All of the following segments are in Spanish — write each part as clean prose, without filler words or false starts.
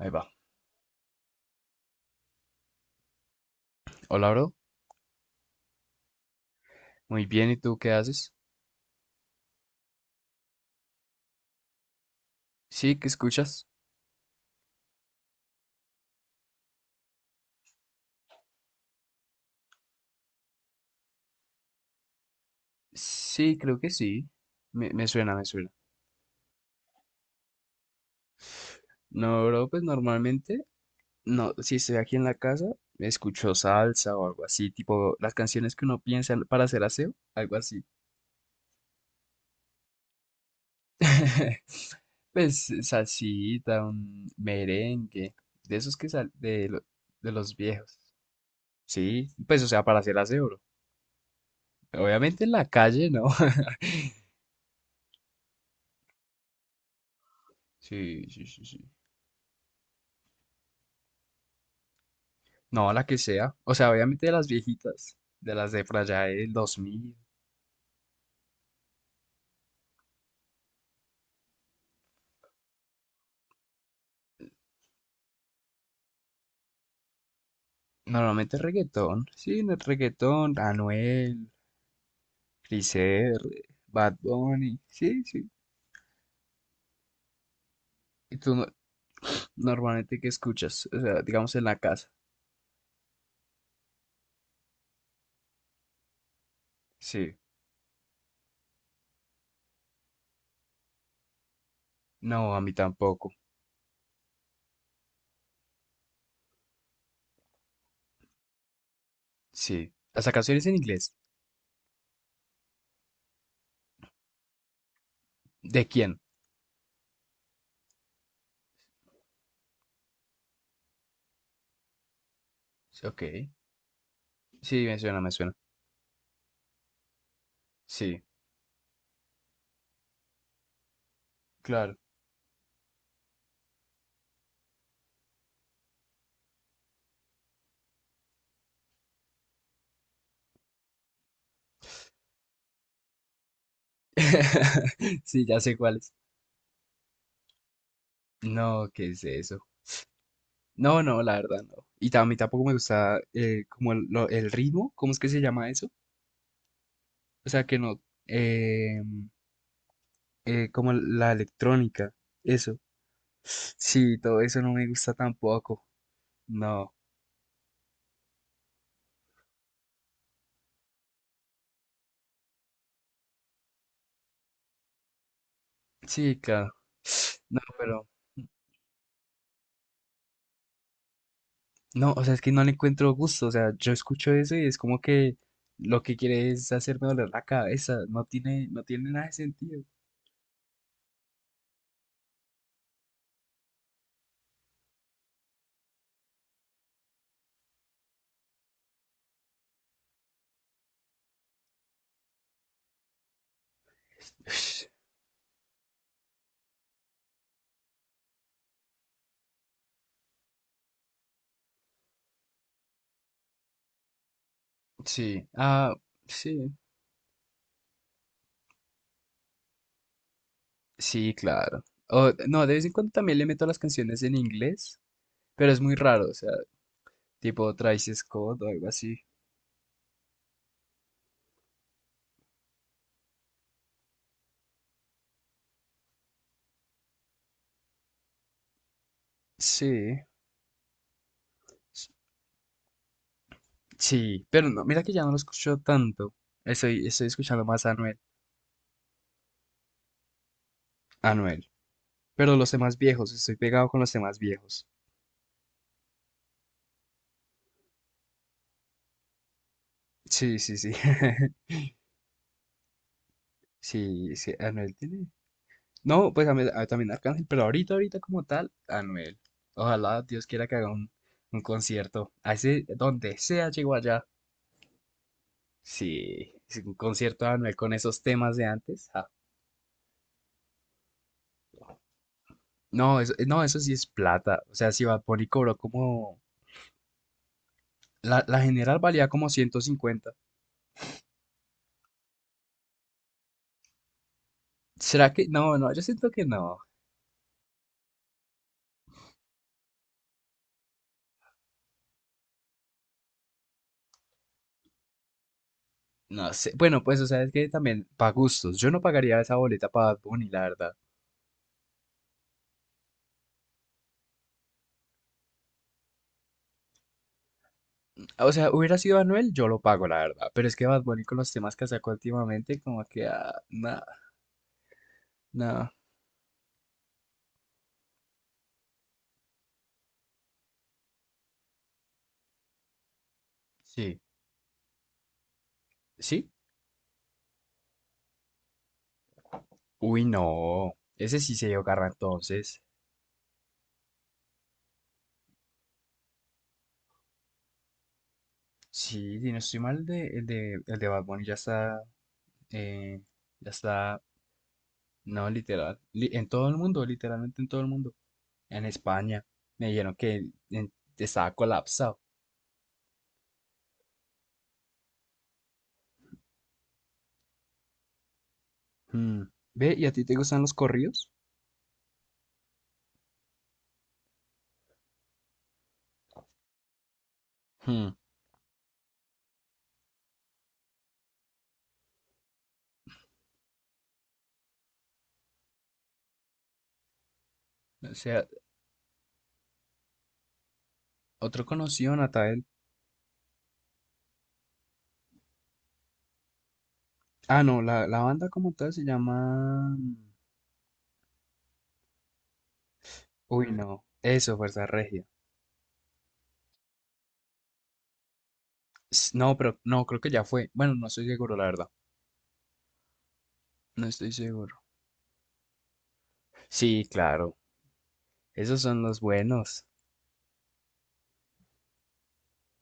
Ahí va. Hola, bro. Muy bien, ¿y tú qué haces? Sí, ¿qué escuchas? Sí, creo que sí. Me suena, me suena. No, bro, pues normalmente, no, si estoy aquí en la casa, escucho salsa o algo así, tipo las canciones que uno piensa para hacer aseo, algo así. Pues salsita, un merengue, de esos que de los viejos. Sí, pues o sea, para hacer aseo, bro. Obviamente en la calle, ¿no? Sí, sí, sí, sí. No, la que sea. O sea, obviamente de las viejitas, de las de por allá del 2000. Normalmente reggaetón. Sí, Reggaetón, Anuel, Cris Bad Bunny. Sí, sí. ¿Y tú no- normalmente ¿qué escuchas? O sea, digamos en la casa. Sí. No, a mí tampoco. Sí. ¿Hasta canciones en inglés? ¿De quién? Sí, ok. Sí, me suena, me suena. Sí, claro. Sí, ya sé cuáles. No, ¿qué es eso? No, no, la verdad no. A mí tampoco me gusta como el ritmo, ¿cómo es que se llama eso? O sea, que no, eh, como la electrónica, eso. Sí, todo eso no me gusta tampoco. No, sí, claro. No, pero, no, o sea, es que no le encuentro gusto. O sea, yo escucho eso y es como que lo que quiere es hacerme doler la cabeza. No tiene, no tiene nada de sentido. Sí, ah, sí. Sí, claro. O, no, de vez en cuando también le meto las canciones en inglés, pero es muy raro, o sea, tipo Travis Scott o algo así. Sí, s- sí, pero no, mira que ya no lo escucho tanto. Estoy escuchando más a Anuel, Anuel, pero los temas viejos, estoy pegado con los temas viejos. Sí, sí, sí. Sí, sí, Anuel tiene. No, pues a mí- a- También Arcángel, pero ahorita, ahorita como tal, Anuel. Ojalá Dios quiera que haga un concierto. A ese, donde sea, llegó allá. Sí, sí, un concierto de Anuel con esos temas de antes, ja. No, eso, no, eso sí es plata. O sea, si Bad Bunny cobró como... la general valía como ciento cincuenta. ¿Será que...? No, no, yo siento que no. No sé. Bueno, pues, o sea, es que también para gustos. Yo no pagaría esa boleta para Bad Bunny, la verdad. O sea, hubiera sido Anuel, yo lo pago, la verdad. Pero es que Bad Bunny con los temas que sacó últimamente, como que... ah, nada, nah. Sí. ¿Sí? Uy, no. Ese sí se dio garra entonces. Sí, si no estoy mal, el de Bad Bunny eh, ya está, no, literal, li- en todo el mundo, literalmente en todo el mundo. En España, me dijeron que estaba colapsado. Hmm. Ve, ¿y a ti te gustan los corridos? Hmm. O sea, otro conocido, Natael. Ah, no, la banda como tal se llama... Uy, no, eso, Fuerza Regia. S- no, pero no, creo que ya fue. Bueno, no estoy seguro, la verdad. No estoy seguro. Sí, claro, esos son los buenos.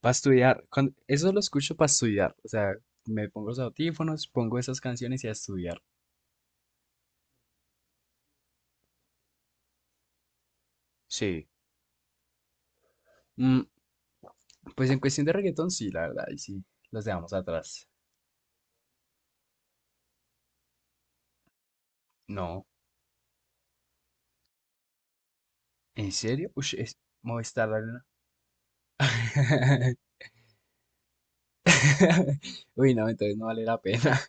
Para estudiar, cuan- eso lo escucho para estudiar. O sea, me pongo los audífonos, pongo esas canciones y a estudiar. Sí. Mm, pues en cuestión de reggaetón, sí, la verdad, y sí, los dejamos atrás. No, ¿en serio? Ush, es Movistar Arena. Uy, no, entonces no vale la pena.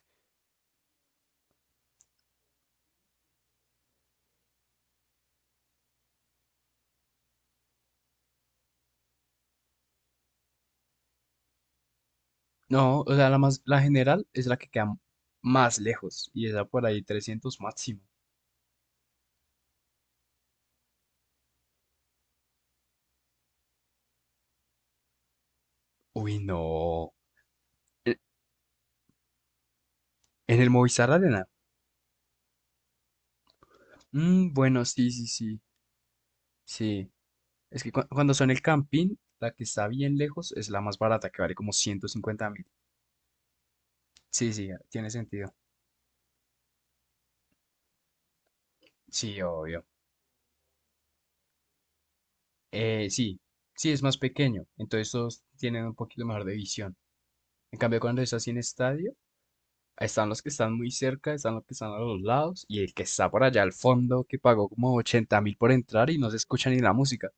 No, o sea, la más, la general es la que queda más lejos y está por ahí 300 máximo. Uy, no. ¿En en el Movistar Arena? Mm, bueno, sí, sí, sí, sí. Es que cuando son el camping la que está bien lejos es la más barata, que vale como 150.000. Sí, sí, ah, tiene sentido. Sí, obvio. Sí, sí, es más pequeño, entonces todos tienen un poquito mejor de visión. En cambio, cuando es así en estadio, están los que están muy cerca, están los que están a los lados, y el que está por allá al fondo, que pagó como 80.000 por entrar y no se escucha ni la música.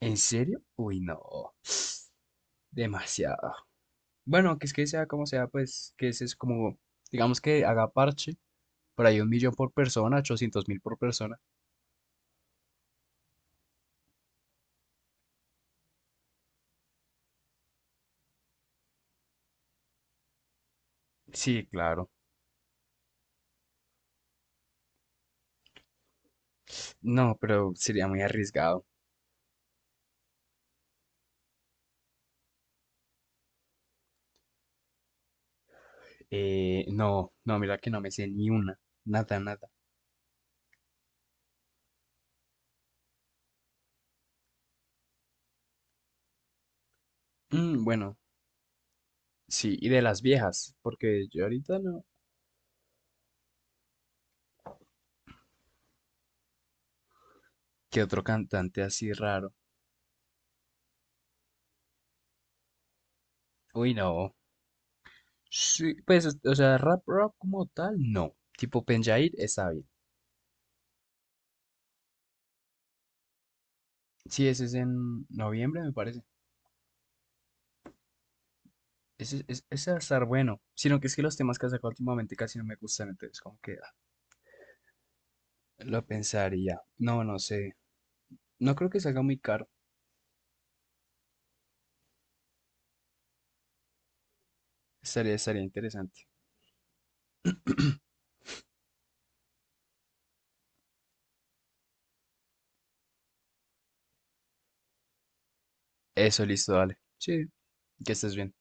¿En serio? Uy, no, demasiado. Bueno, que es que sea como sea, pues que ese es como, digamos que haga parche. Por ahí 1.000.000 por persona, 800.000 por persona. Sí, claro. No, pero sería muy arriesgado. No, no, mira que no me sé ni una. Nada, nada. Mm, bueno, sí, y de las viejas, porque yo ahorita no. ¿Qué otro cantante así raro? Uy, no. Sí, pues, o sea, rap, rap como tal, no. Tipo Penjair está bien. Sí, ese es en noviembre, me parece. Ese, ese va a estar bueno. Sino que es que los temas que ha sacado últimamente casi no me gustan, entonces como que ah, lo pensaría. No, no sé. No creo que salga muy caro. Estaría interesante. Eso, listo, dale. Sí, que estés bien.